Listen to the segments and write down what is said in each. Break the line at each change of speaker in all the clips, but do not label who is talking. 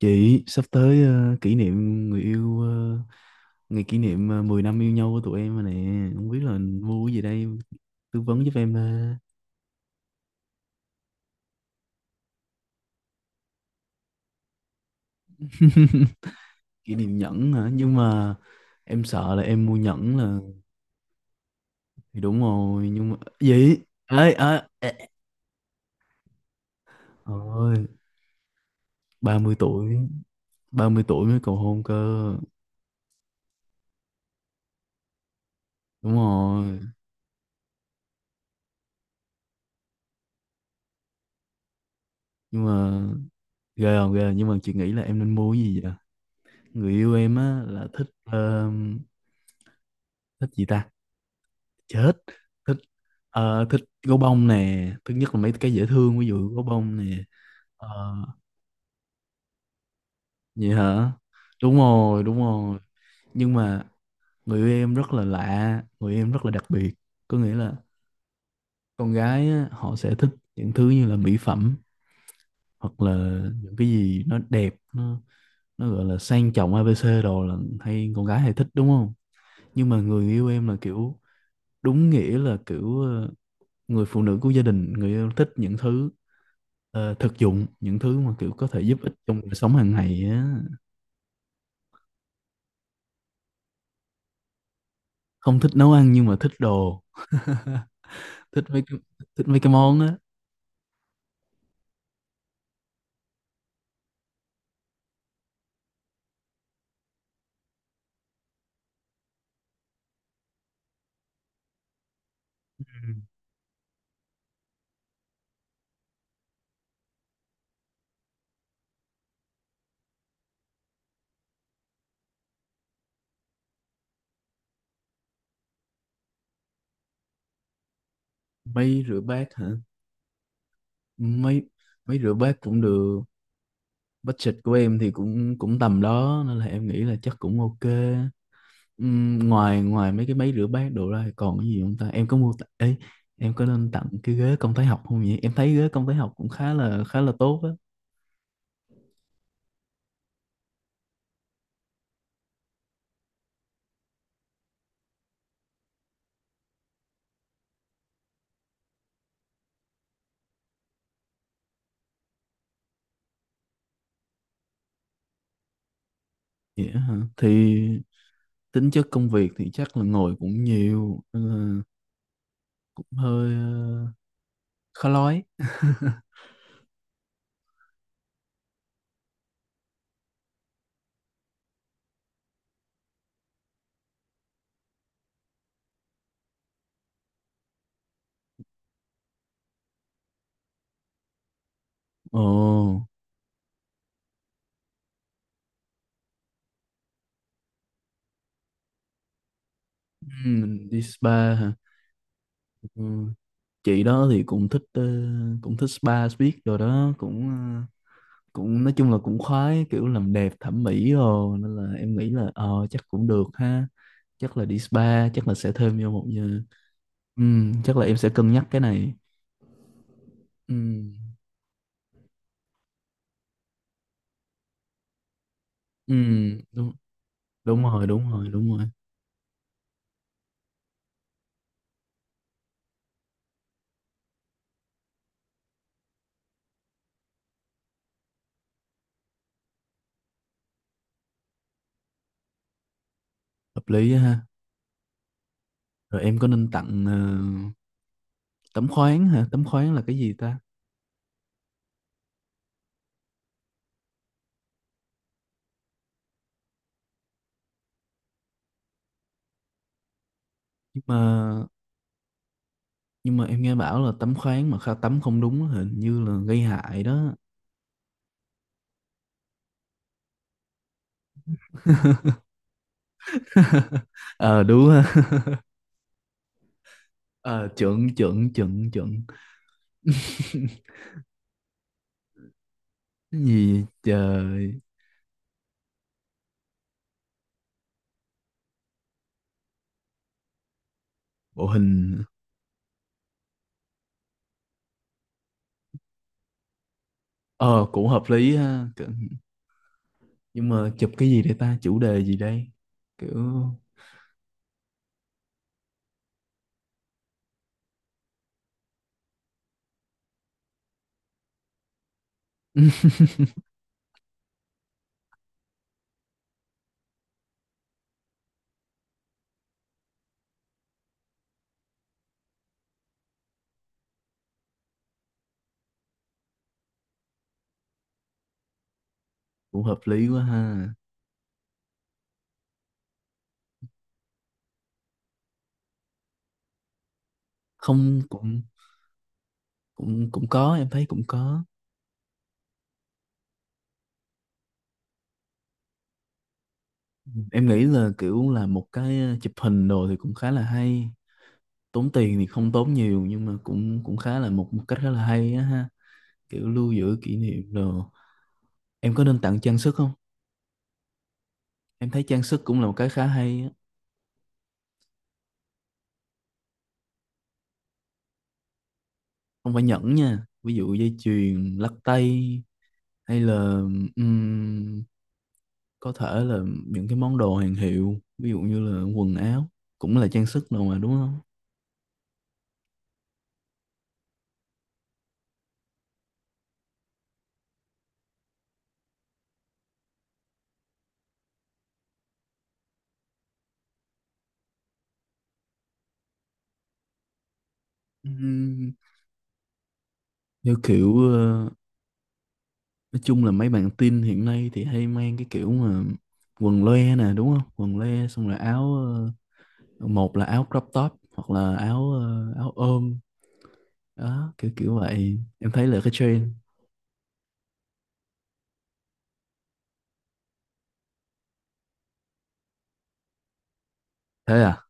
Chị sắp tới kỷ niệm người yêu, ngày kỷ niệm 10 năm yêu nhau của tụi em rồi nè, không biết là mua cái gì đây, tư vấn giúp em ờ. Kỷ niệm nhẫn hả? Nhưng mà em sợ là em mua nhẫn là, thì đúng rồi nhưng mà gì ấy à, ôi, 30 tuổi, 30 tuổi mới cầu hôn cơ. Đúng rồi nhưng mà ghê không ghê à? Nhưng mà chị nghĩ là em nên mua cái gì vậy? Người yêu em á là thích, thích gì ta, chết, thích, thích gấu bông nè, thứ nhất là mấy cái dễ thương, ví dụ gấu bông nè. Ờ, Vậy hả? Đúng rồi, đúng rồi. Nhưng mà người yêu em rất là lạ, người yêu em rất là đặc biệt. Có nghĩa là con gái á, họ sẽ thích những thứ như là mỹ phẩm, hoặc là những cái gì nó đẹp, nó gọi là sang trọng, A ABC đồ, là hay con gái hay thích đúng không? Nhưng mà người yêu em là kiểu đúng nghĩa là kiểu, người phụ nữ của gia đình, người yêu thích những thứ, thực dụng, những thứ mà kiểu có thể giúp ích trong đời sống hàng ngày á. Không thích nấu ăn nhưng mà thích đồ, thích mấy cái, thích mấy cái món á. Ừ. Máy rửa bát hả? Máy máy rửa bát cũng được. Budget của em thì cũng cũng tầm đó, nên là em nghĩ là chắc cũng ok. Ngoài ngoài mấy cái máy rửa bát đồ ra thì còn cái gì không ta? Em có mua ấy, em có nên tặng cái ghế công thái học không vậy? Em thấy ghế công thái học cũng khá là tốt á. Vậy á hả? Thì tính chất công việc thì chắc là ngồi cũng nhiều, nên cũng hơi, khó nói. Ồ. Đi spa hả? Ừ, chị đó thì cũng thích, cũng thích spa biết rồi đó, cũng, cũng nói chung là cũng khoái kiểu làm đẹp thẩm mỹ rồi, nên là em nghĩ là chắc cũng được ha. Chắc là đi spa, chắc là sẽ thêm vô một giờ. Chắc là em sẽ cân nhắc cái này. Ừm. Đúng đúng rồi, đúng rồi, đúng rồi. Hợp lý á ha. Rồi, em có nên tặng, tắm khoáng hả? Tắm khoáng là cái gì ta? Nhưng mà nhưng mà em nghe bảo là tắm khoáng mà kha tắm không đúng á, hình như là gây hại đó. Ờ Đúng ha. Ờ Chuẩn, chuẩn, chuẩn, chuẩn. Cái gì trời. Bộ hình. Ờ Cũng hợp lý ha. Nhưng mà chụp cái gì đây ta, chủ đề gì đây, kiểu... cũng hợp lý quá ha. Không, cũng, cũng có, em thấy cũng có. Em nghĩ là kiểu là một cái, chụp hình đồ thì cũng khá là hay. Tốn tiền thì không tốn nhiều, nhưng mà cũng cũng khá là một cách khá là hay á ha, kiểu lưu giữ kỷ niệm đồ. Em có nên tặng trang sức không? Em thấy trang sức cũng là một cái khá hay á. Không phải nhẫn nha, ví dụ dây chuyền, lắc tay, hay là, ừm, có thể là những cái món đồ hàng hiệu, ví dụ như là quần áo cũng là trang sức đồ mà đúng không? Ừm, theo kiểu, nói chung là mấy bạn teen hiện nay thì hay mang cái kiểu mà quần loe nè đúng không? Quần loe xong rồi áo, một là áo crop top hoặc là áo, áo ôm. Đó kiểu kiểu vậy, em thấy là cái trend. Thế à?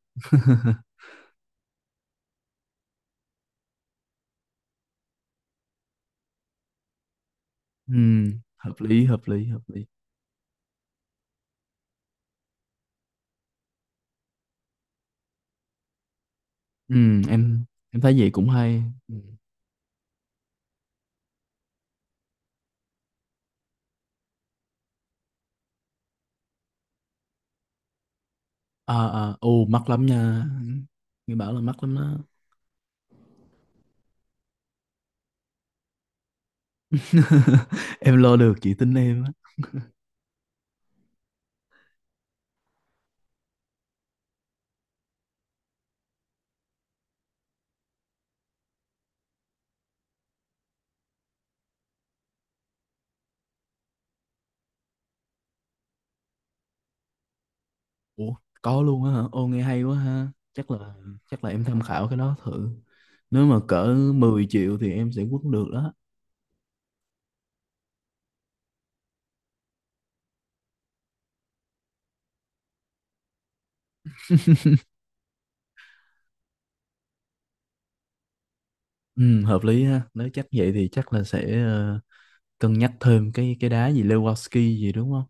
Ừ, hợp lý, hợp lý, hợp lý. Ừ, em em thấy vậy cũng hay. Ừ. À, à, ồ mắc lắm nha, nghe bảo là mắc lắm đó. Em lo được chị tin em á. Ủa, có luôn á hả? Ô nghe hay quá ha. Chắc là chắc là em tham khảo cái đó thử, nếu mà cỡ 10 triệu thì em sẽ quất được đó. Ừ, hợp lý ha. Nếu chắc vậy thì chắc là sẽ, cân nhắc thêm cái đá gì Lewandowski gì đúng không?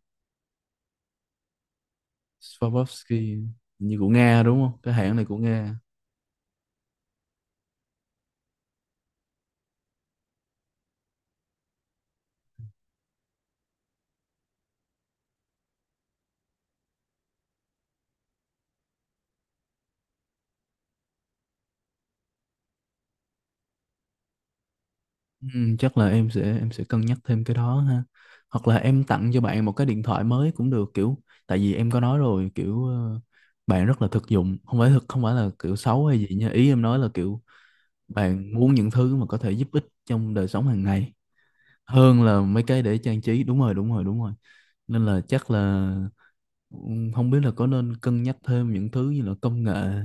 Swarovski, như của Nga đúng không, cái hãng này của Nga. Ừ, chắc là em sẽ cân nhắc thêm cái đó ha. Hoặc là em tặng cho bạn một cái điện thoại mới cũng được, kiểu tại vì em có nói rồi kiểu, bạn rất là thực dụng, không phải thực, không phải là kiểu xấu hay gì nha, ý em nói là kiểu bạn muốn những thứ mà có thể giúp ích trong đời sống hàng ngày hơn là mấy cái để trang trí. Đúng rồi, đúng rồi, đúng rồi, nên là chắc là, ừ, không biết là có nên cân nhắc thêm những thứ như là công nghệ.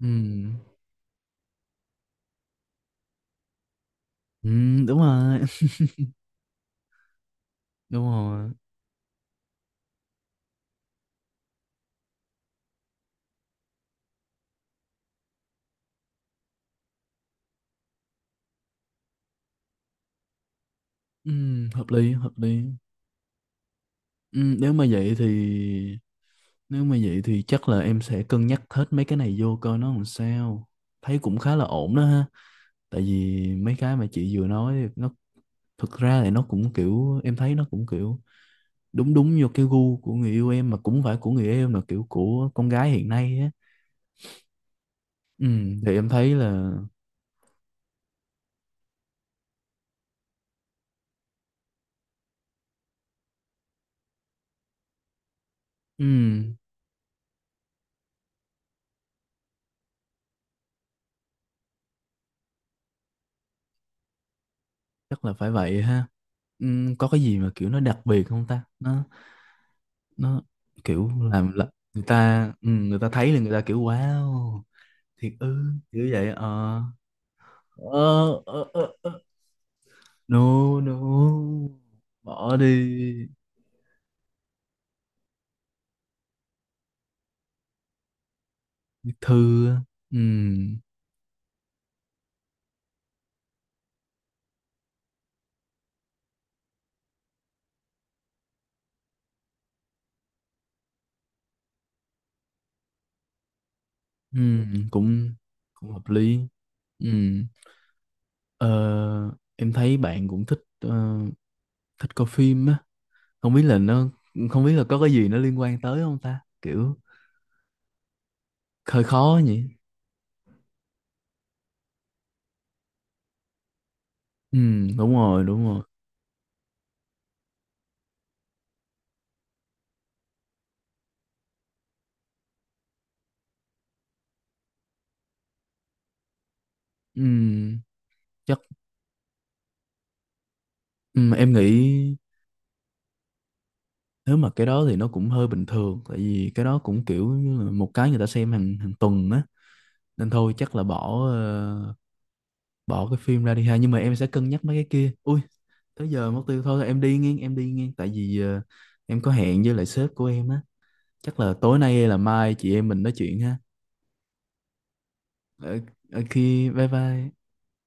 Ừm. Đúng rồi, đúng rồi. Hợp lý, hợp lý. Ừm, nếu mà vậy thì nếu mà vậy thì chắc là em sẽ cân nhắc hết mấy cái này vô coi nó làm sao. Thấy cũng khá là ổn đó ha. Tại vì mấy cái mà chị vừa nói thì nó, thực ra thì nó cũng kiểu em thấy nó cũng kiểu đúng đúng vô cái gu của người yêu em, mà cũng không phải của người yêu em, là kiểu của con gái hiện nay á. Thì em thấy là, ừm, chắc là phải vậy ha. Có cái gì mà kiểu nó đặc biệt không ta? Nó kiểu làm là người ta, ừ, người ta thấy là người ta kiểu wow, thiệt ư, kiểu vậy ờ ờ ờ ờ. No no, bỏ đi. Thư, ừ, ừ, cũng cũng hợp lý. Ừ. ờ, em thấy bạn cũng thích, thích coi phim á. không biết là nó Không biết là có cái gì nó liên quan tới không ta, kiểu hơi khó nhỉ. Ừ, đúng rồi, đúng rồi. Ừ, chắc. Ừ, em nghĩ nếu mà cái đó thì nó cũng hơi bình thường, tại vì cái đó cũng kiểu như là một cái người ta xem hàng hàng tuần á, nên thôi chắc là bỏ, bỏ cái phim ra đi ha, nhưng mà em sẽ cân nhắc mấy cái kia ui. Tới giờ mất tiêu, thôi em đi nghe, em đi nghe, tại vì, em có hẹn với lại sếp của em á. Chắc là tối nay hay là mai chị em mình nói chuyện ha. Ở, ở khi bye bye.